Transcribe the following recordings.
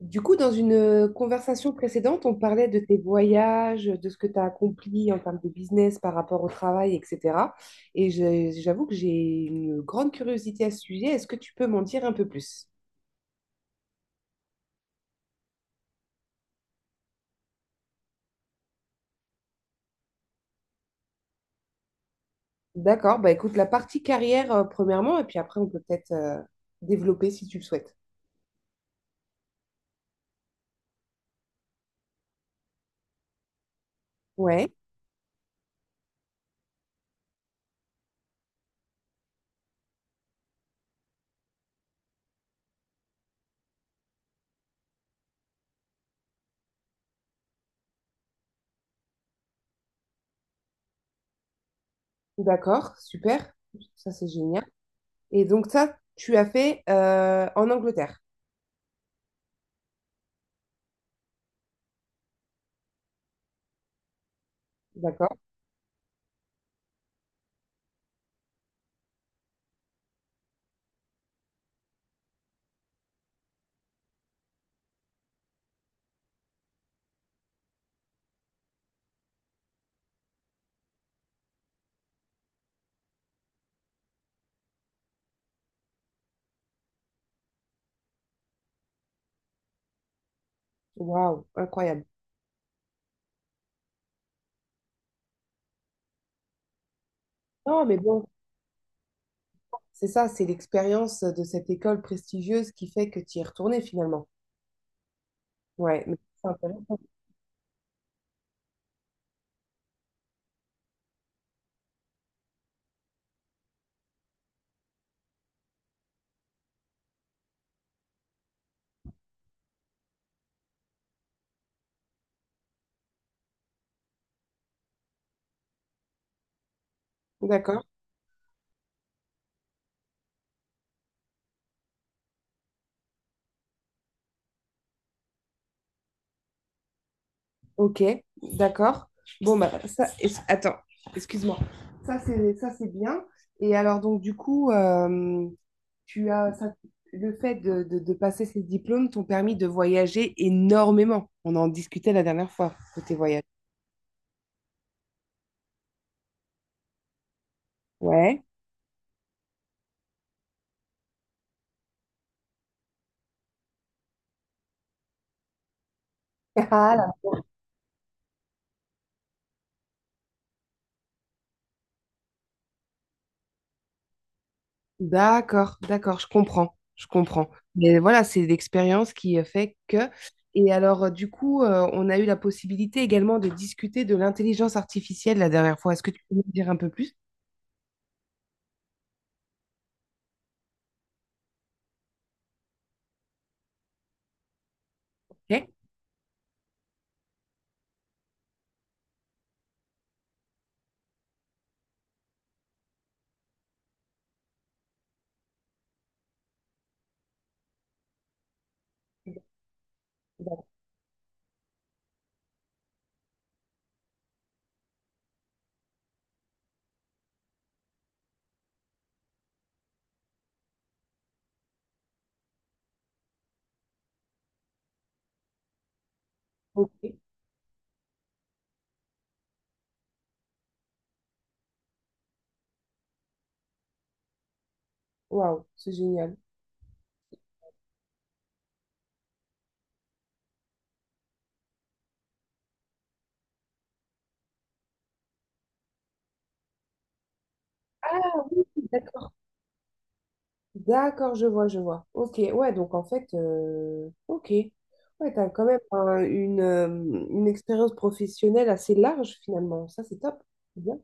Du coup, dans une conversation précédente, on parlait de tes voyages, de ce que tu as accompli en termes de business par rapport au travail, etc. J'avoue que j'ai une grande curiosité à ce sujet. Est-ce que tu peux m'en dire un peu plus? D'accord, bah écoute, la partie carrière, premièrement, et puis après, on peut peut-être développer si tu le souhaites. Ouais, d'accord, super, ça c'est génial. Et donc ça, tu as fait en Angleterre, d'accord? Waouh, incroyable. Non, mais bon, c'est ça, c'est l'expérience de cette école prestigieuse qui fait que tu y es retourné finalement. Ouais, mais c'est intéressant. D'accord, ok, d'accord. Attends, excuse-moi. Ça, c'est bien. Et alors, donc, du coup, tu as ça- le fait de passer ces diplômes t'ont permis de voyager énormément. On en discutait la dernière fois de tes voyages. Ouais. Ah, d'accord, d'accord, je comprends, je comprends. Mais voilà, c'est l'expérience qui fait que... Et alors, du coup, on a eu la possibilité également de discuter de l'intelligence artificielle la dernière fois. Est-ce que tu peux nous dire un peu plus? Ok. D'accord, ok, waouh, c'est génial. Ah, d'accord, d'accord, je vois, je vois. Ok, ouais, donc en fait, ok, ouais, t'as quand même un- une expérience professionnelle assez large finalement. Ça, c'est top. C'est bien.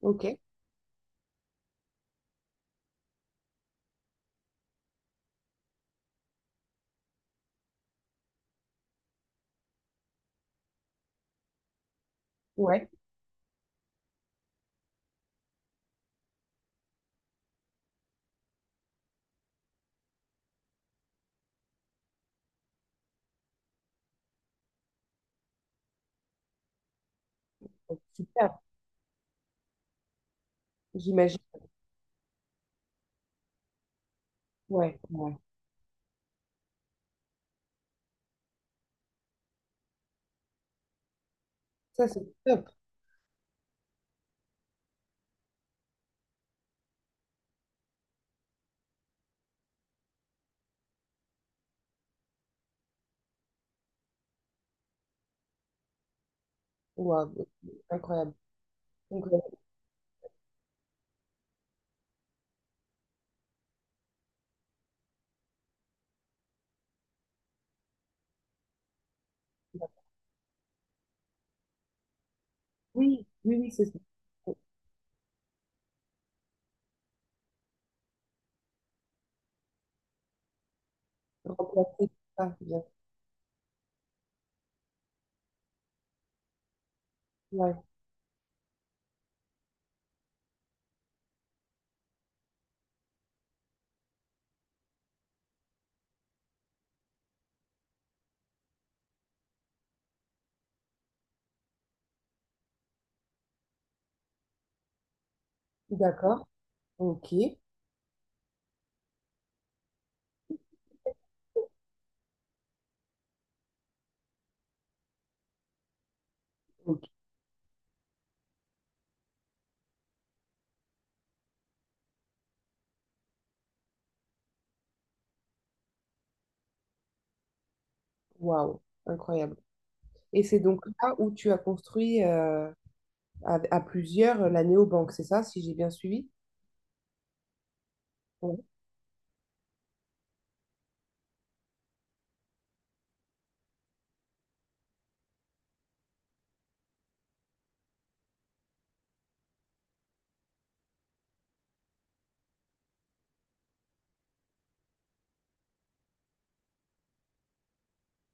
Ok, ouais, super, j'imagine. Ouais, ouais. Ça, c'est top. Waouh, incroyable. Incroyable. Oui, oui, oui, c'est ça. Remplacer ça, bien. Ouais. D'accord. Ok. Ok. Waouh, incroyable. Et c'est donc là où tu as construit à, à plusieurs, la néobanque, c'est ça, si j'ai bien suivi? Ouais.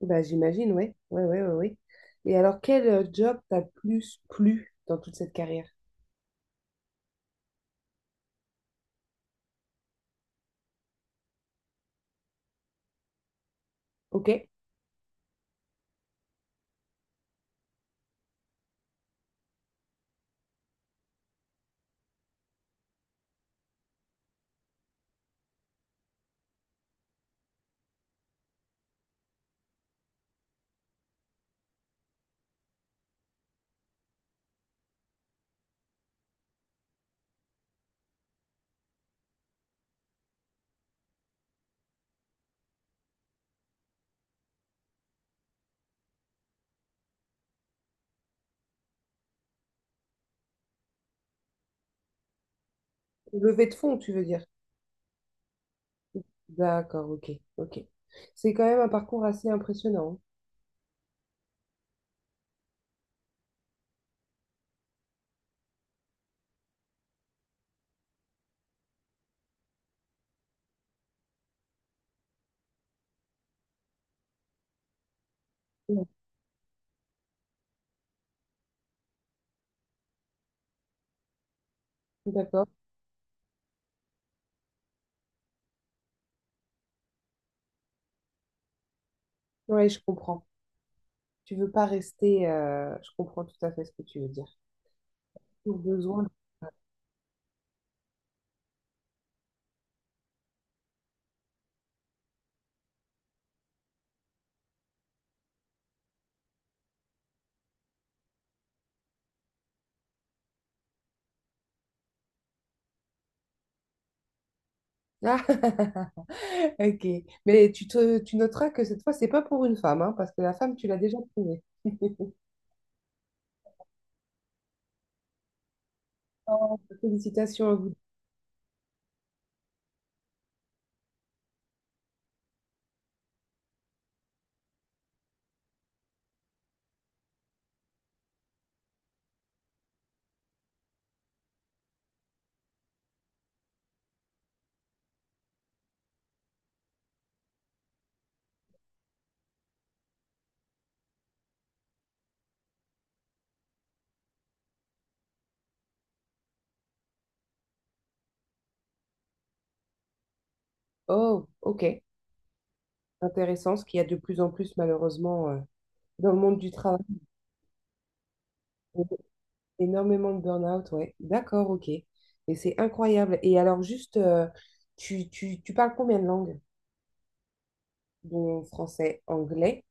Bah, j'imagine, ouais. Ouais, ouais, ouais, ouais. Et alors, quel job t'a plus plu dans toute cette carrière? Ok. Levée de fonds, tu veux dire? D'accord, ok, ok. C'est quand même un parcours assez impressionnant. Hein. D'accord. Oui, je comprends. Tu veux pas rester. Je comprends tout à fait ce que tu veux dire. Au besoin. Ah, ok. Mais tu noteras que cette fois, c'est pas pour une femme, hein, parce que la femme, tu l'as déjà trouvée. Félicitations à vous. Oh, ok. Intéressant, ce qu'il y a de plus en plus, malheureusement, dans le monde du travail. Énormément de burn-out, ouais. D'accord, ok. Mais c'est incroyable. Et alors, juste, tu parles combien de langues? Bon, français, anglais.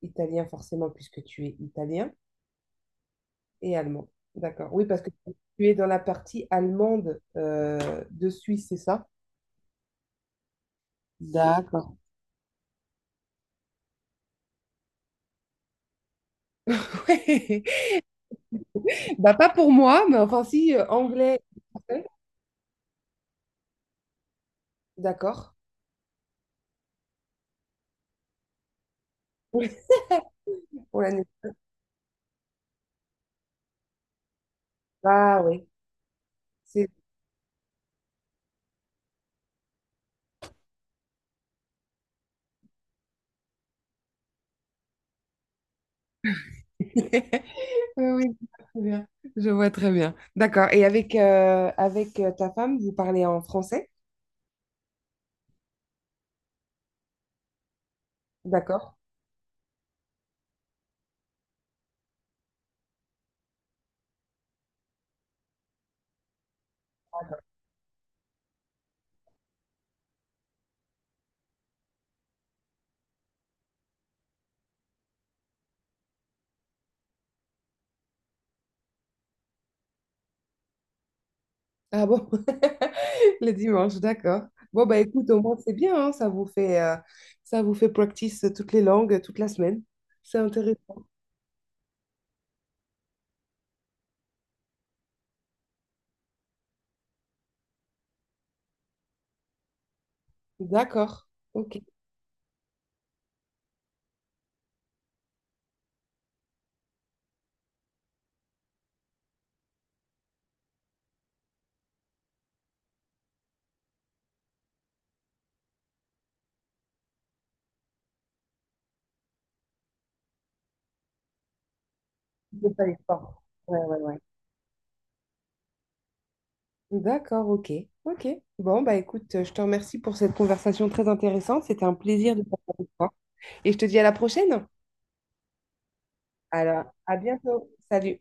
Italien, forcément, puisque tu es italien et allemand. D'accord. Oui, parce que tu es dans la partie allemande de Suisse, c'est ça? D'accord. Ouais. Bah, pas pour moi, mais enfin, si, anglais. Français. D'accord. Oui. Pour l'année. Ah, oui. C'est- Oui, oui, je vois très bien. Je vois très bien. D'accord. Et avec, euh, avec, ta femme, vous parlez en français? D'accord. Ah bon? Le dimanche, d'accord. Bon, bah écoute, au moins c'est bien, hein, ça vous fait practice toutes les langues, toute la semaine. C'est intéressant. D'accord. Ok. Je fais pas l'effort. Ouais, ouais, ouais. D'accord, ok. Ok. Bon, bah écoute, je te remercie pour cette conversation très intéressante. C'était un plaisir de parler avec toi. Et je te dis à la prochaine. Alors, à bientôt. Salut.